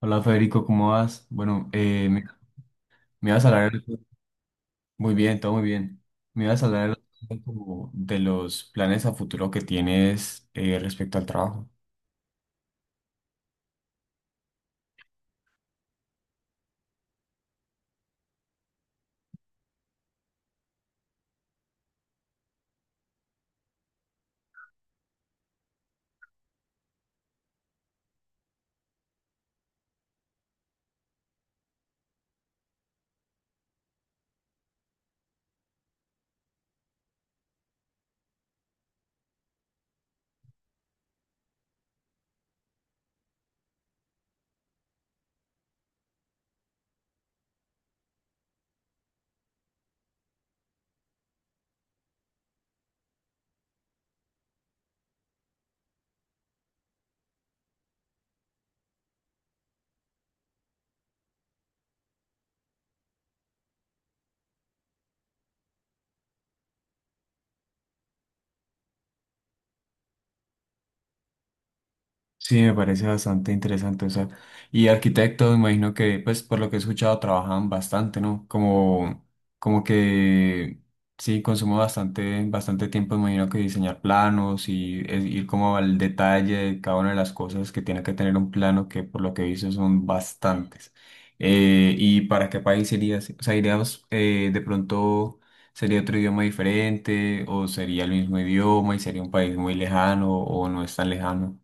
Hola Federico, ¿cómo vas? Bueno, me ibas a hablar muy bien, todo muy bien. Me ibas a hablar como de los planes a futuro que tienes respecto al trabajo. Sí, me parece bastante interesante. O sea, y arquitectos, me imagino que, pues, por lo que he escuchado, trabajan bastante, ¿no? Como que sí, consumo bastante, bastante tiempo, me imagino que diseñar planos y ir como al detalle de cada una de las cosas que tiene que tener un plano, que por lo que he visto son bastantes. ¿Y para qué país irías? O sea, iríamos de pronto. ¿Sería otro idioma diferente o sería el mismo idioma y sería un país muy lejano o no es tan lejano?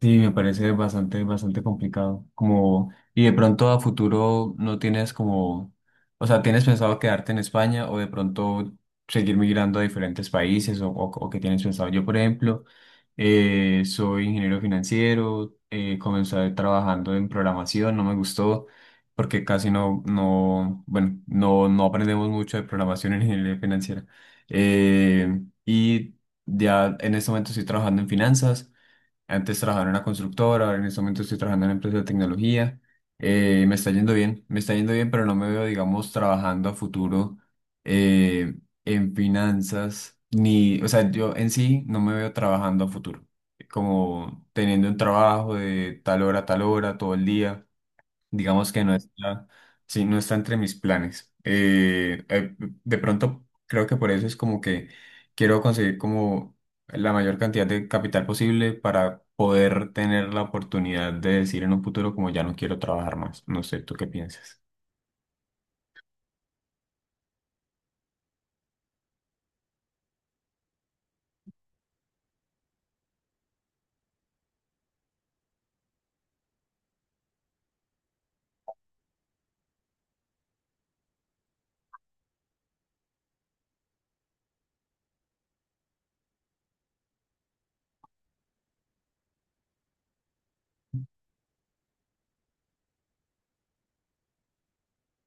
Sí, me parece bastante, bastante complicado. Como, y de pronto a futuro no tienes como, o sea, ¿tienes pensado quedarte en España o de pronto seguir migrando a diferentes países o qué tienes pensado? Yo, por ejemplo, soy ingeniero financiero, comencé trabajando en programación, no me gustó porque casi no, bueno, no aprendemos mucho de programación en ingeniería financiera. Eh, y ya en este momento estoy trabajando en finanzas. Antes trabajaba en una constructora, ahora en este momento estoy trabajando en una empresa de tecnología. Me está yendo bien, me está yendo bien, pero no me veo, digamos, trabajando a futuro eh, en finanzas, ni, o sea, yo en sí no me veo trabajando a futuro, como teniendo un trabajo de tal hora a tal hora, todo el día. Digamos que no está, sí, no está entre mis planes. De pronto creo que por eso es como que quiero conseguir como la mayor cantidad de capital posible para poder tener la oportunidad de decir en un futuro como ya no quiero trabajar más. No sé, ¿tú qué piensas?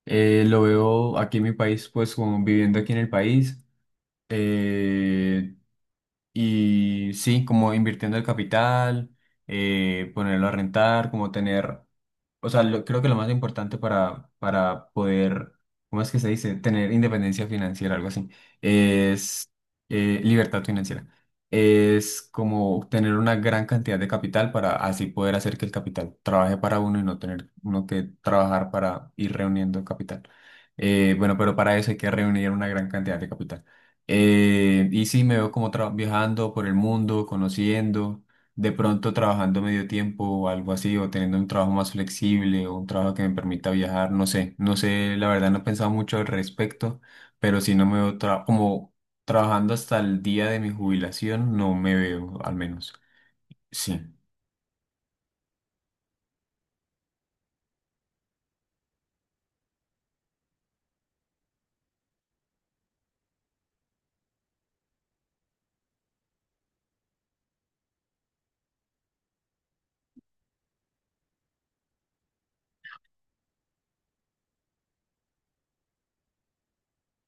Lo veo aquí en mi país, pues como viviendo aquí en el país. eh, y sí, como invirtiendo el capital, ponerlo a rentar, como tener. O sea, creo que lo más importante para poder, ¿cómo es que se dice? Tener independencia financiera, algo así, es libertad financiera. Es como tener una gran cantidad de capital para así poder hacer que el capital trabaje para uno y no tener uno que trabajar para ir reuniendo capital. Bueno, pero para eso hay que reunir una gran cantidad de capital. Sí, me veo como viajando por el mundo, conociendo de pronto trabajando medio tiempo o algo así, o teniendo un trabajo más flexible o un trabajo que me permita viajar, no sé, no sé, la verdad no he pensado mucho al respecto, pero si no me veo como trabajando hasta el día de mi jubilación, no me veo al menos. Sí,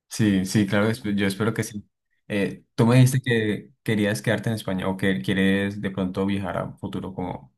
sí, sí, claro, yo espero que sí. Tú me dijiste que querías quedarte en España o que quieres de pronto viajar a un futuro como...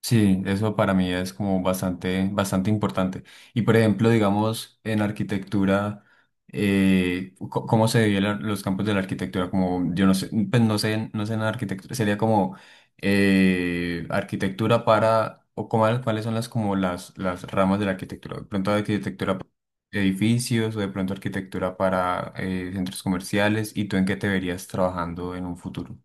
Sí, eso para mí es como bastante, bastante importante. Y por ejemplo, digamos, en arquitectura, ¿cómo se dividen los campos de la arquitectura? Como, yo no sé, pues no sé, no sé en arquitectura, sería como arquitectura para, o cuáles son las como las ramas de la arquitectura. De pronto arquitectura para edificios, o de pronto arquitectura para centros comerciales, ¿y tú en qué te verías trabajando en un futuro?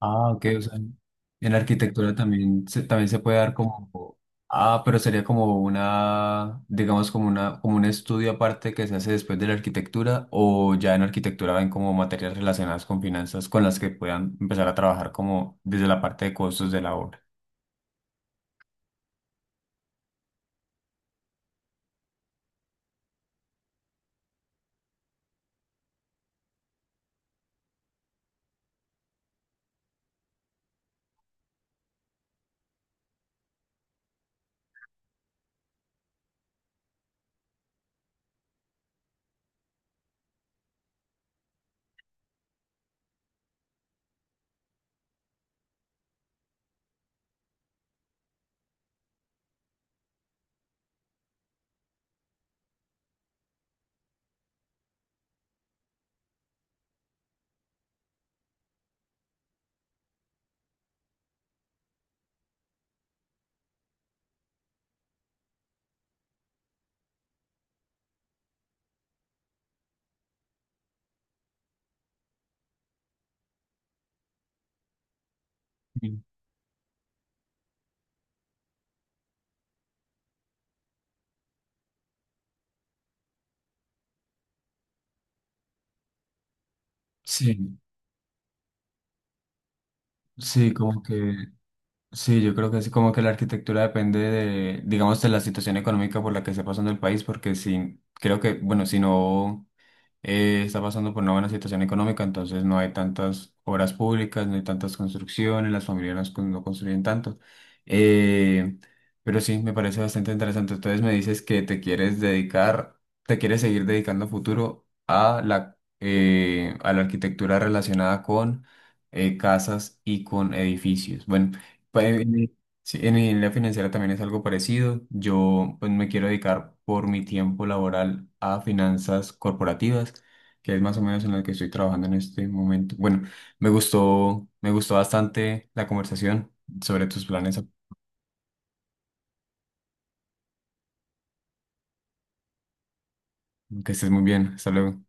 Ah, ok, o sea, en arquitectura también se puede dar como, ah, pero sería como una, digamos, como una, como un estudio aparte que se hace después de la arquitectura, o ya en arquitectura ven como materias relacionadas con finanzas con las que puedan empezar a trabajar como desde la parte de costos de la obra. Sí, sí, sí, como que, sí, yo creo que sí, como que la arquitectura depende de, digamos, de la situación económica por la que esté pasando el país, porque si, creo que, bueno, si no. Está pasando por una buena situación económica, entonces no hay tantas obras públicas, no hay tantas construcciones, las familias no construyen tanto. Eh, pero sí, me parece bastante interesante. Entonces me dices que te quieres dedicar, te quieres seguir dedicando a futuro a la arquitectura relacionada con casas y con edificios. Bueno, pues, sí, en la financiera también es algo parecido. Yo pues me quiero dedicar por mi tiempo laboral a finanzas corporativas, que es más o menos en la que estoy trabajando en este momento. Bueno, me gustó bastante la conversación sobre tus planes. Que estés muy bien. Hasta luego.